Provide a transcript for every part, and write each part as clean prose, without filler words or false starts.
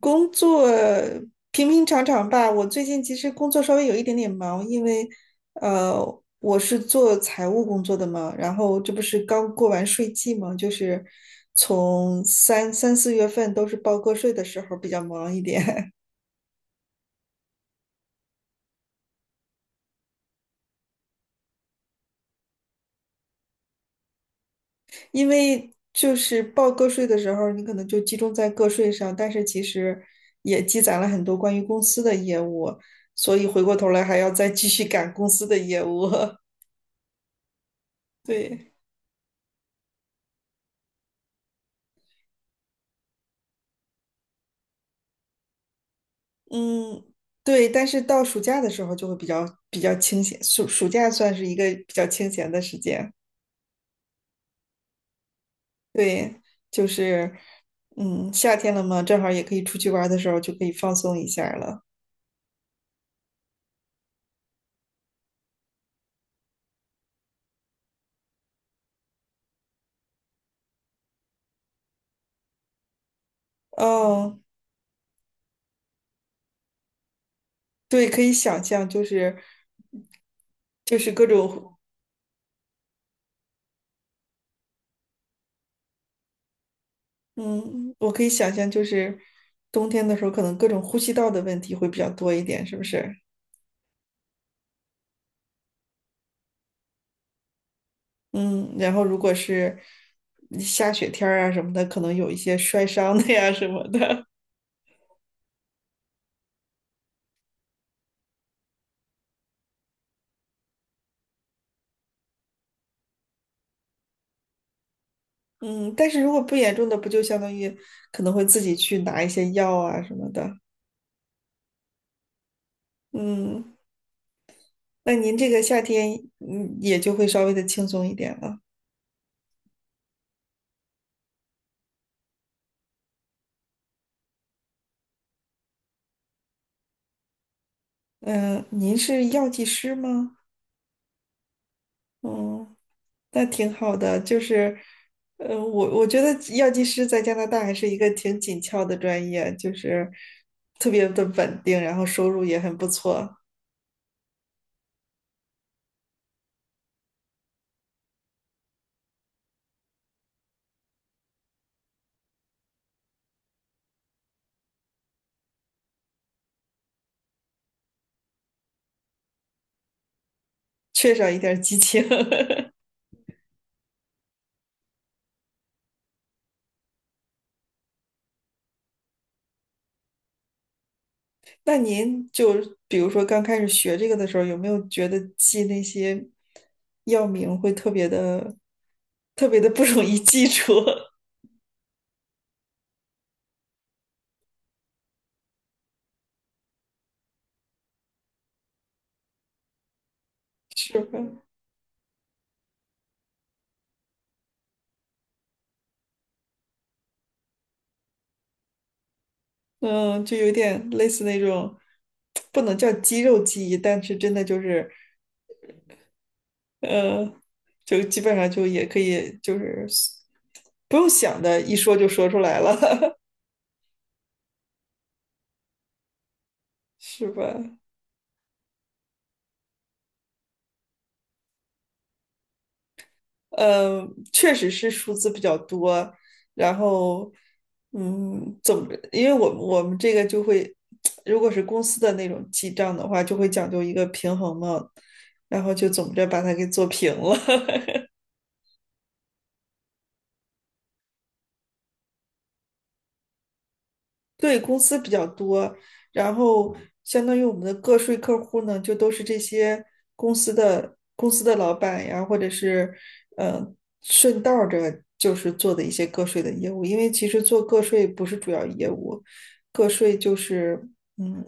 工作平平常常吧。我最近其实工作稍微有一点点忙，因为呃，我是做财务工作的嘛，然后这不是刚过完税季嘛，就是从三四月份都是报个税的时候比较忙一点，因为就是报个税的时候，你可能就集中在个税上，但是其实也积攒了很多关于公司的业务，所以回过头来还要再继续赶公司的业务，对。嗯，对，但是到暑假的时候就会比较清闲，暑假算是一个比较清闲的时间。对，就是，嗯，夏天了嘛，正好也可以出去玩儿的时候就可以放松一下儿了。哦，对，可以想象，就是各种，嗯，我可以想象，就是冬天的时候可能各种呼吸道的问题会比较多一点，是不是？嗯，然后如果是下雪天儿啊什么的，可能有一些摔伤的呀什么的。嗯，但是如果不严重的，不就相当于可能会自己去拿一些药啊什么的。嗯，那您这个夏天，嗯，也就会稍微的轻松一点了。嗯，您是药剂师吗？嗯，那挺好的。就是，我觉得药剂师在加拿大还是一个挺紧俏的专业，就是特别的稳定，然后收入也很不错，缺少一点儿激情。那您就比如说刚开始学这个的时候，有没有觉得记那些药名会特别的、特别的不容易记住？是吧？嗯，就有点类似那种，不能叫肌肉记忆，但是真的就是，呃，就基本上就也可以，就是不用想的，一说就说出来了，是吧？确实是数字比较多，然后，嗯，总因为我们这个就会，如果是公司的那种记账的话，就会讲究一个平衡嘛，然后就总着把它给做平了。对，公司比较多，然后相当于我们的个税客户呢，就都是这些公司的老板呀，或者是呃顺道儿着就是做的一些个税的业务，因为其实做个税不是主要业务，个税就是嗯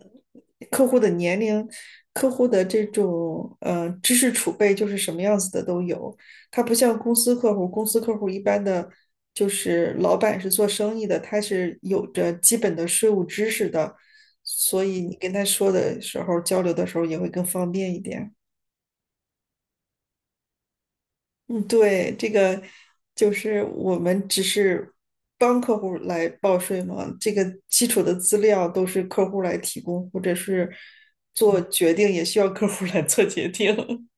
客户的年龄、客户的这种知识储备就是什么样子的都有，他不像公司客户，公司客户一般的就是老板是做生意的，他是有着基本的税务知识的，所以你跟他说的时候，交流的时候也会更方便一点。嗯，对，这个就是我们只是帮客户来报税嘛，这个基础的资料都是客户来提供，或者是做决定也需要客户来做决定。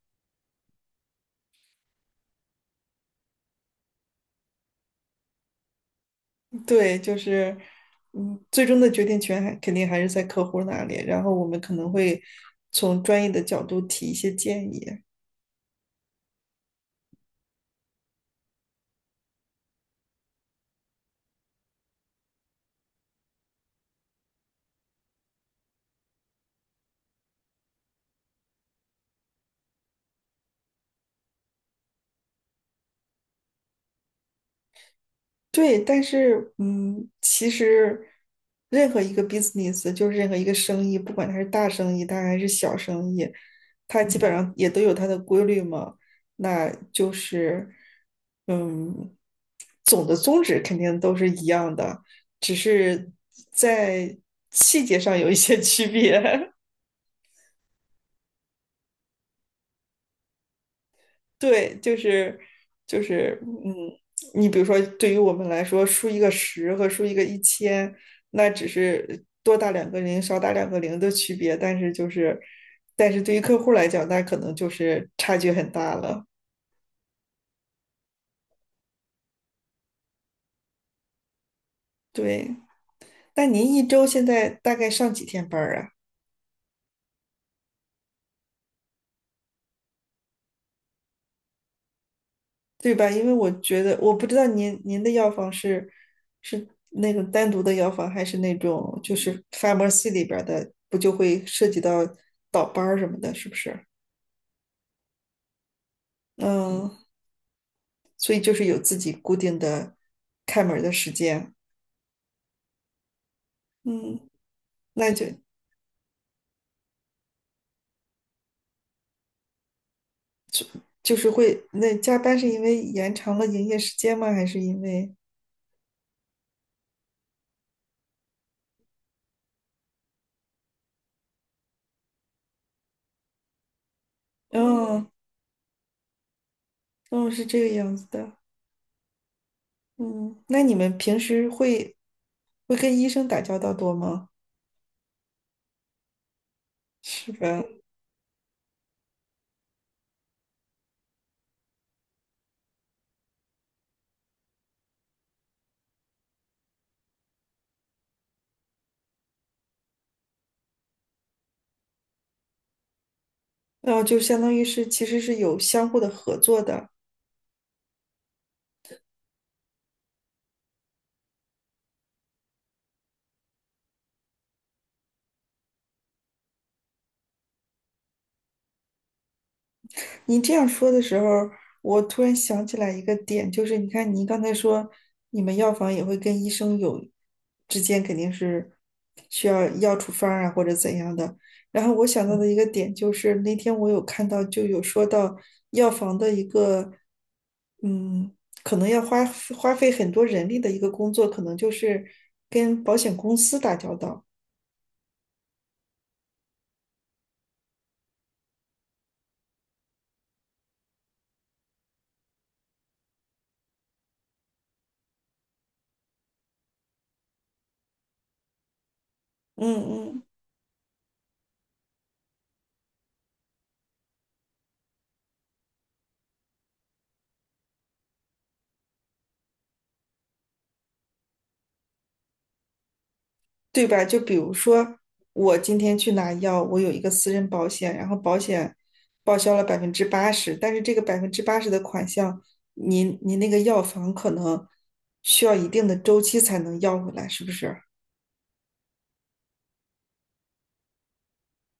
对，就是，嗯，最终的决定权还肯定还是在客户那里，然后我们可能会从专业的角度提一些建议。对，但是，嗯，其实任何一个 business，就是任何一个生意，不管它是大生意，它还是小生意，它基本上也都有它的规律嘛。那就是，嗯，总的宗旨肯定都是一样的，只是在细节上有一些区别。对，就是，嗯，你比如说，对于我们来说，输一个十和输一个1000，那只是多打两个零、少打两个零的区别，但是就是，但是对于客户来讲，那可能就是差距很大了。对，那您一周现在大概上几天班儿啊？对吧？因为我觉得我不知道您的药房是那种单独的药房，还是那种就是 pharmacy 里边儿的，不就会涉及到倒班儿什么的，是不是？嗯，所以就是有自己固定的开门儿的时间。嗯，那就是会，那加班是因为延长了营业时间吗？还是因为，嗯。嗯是这个样子的。嗯，那你们平时会跟医生打交道多吗？是吧？哦，就相当于是其实是有相互的合作的。你这样说的时候，我突然想起来一个点，就是你看，你刚才说你们药房也会跟医生有之间肯定是需要药处方啊或者怎样的。然后我想到的一个点就是那天我有看到就有说到药房的一个，嗯，可能要花费很多人力的一个工作，可能就是跟保险公司打交道。嗯嗯。对吧？就比如说，我今天去拿药，我有一个私人保险，然后保险报销了百分之八十，但是这个百分之八十的款项，您那个药房可能需要一定的周期才能要回来，是不是？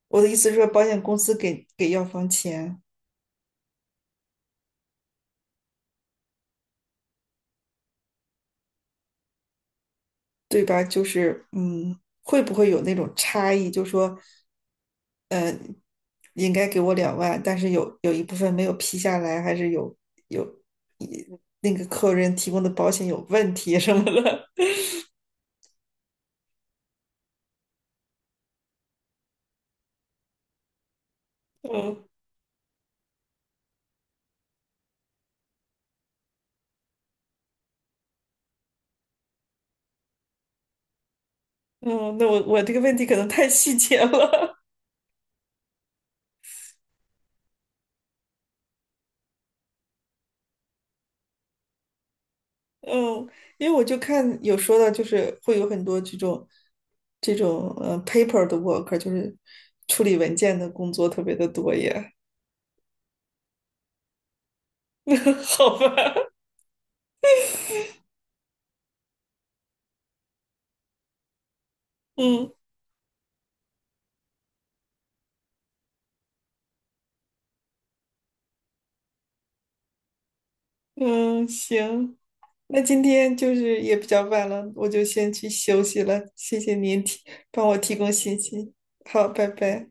我的意思是说，保险公司给药房钱，对吧？就是会不会有那种差异？就说嗯，应该给我2万，但是有一部分没有批下来，还是有一那个客人提供的保险有问题什么的。嗯嗯，那我这个问题可能太细节了。嗯，因为我就看有说到，就是会有很多这种paper 的 work，就是处理文件的工作特别的多耶。好吧，嗯。嗯，行，那今天就是也比较晚了，我就先去休息了。谢谢您提，帮我提供信息。好，拜拜。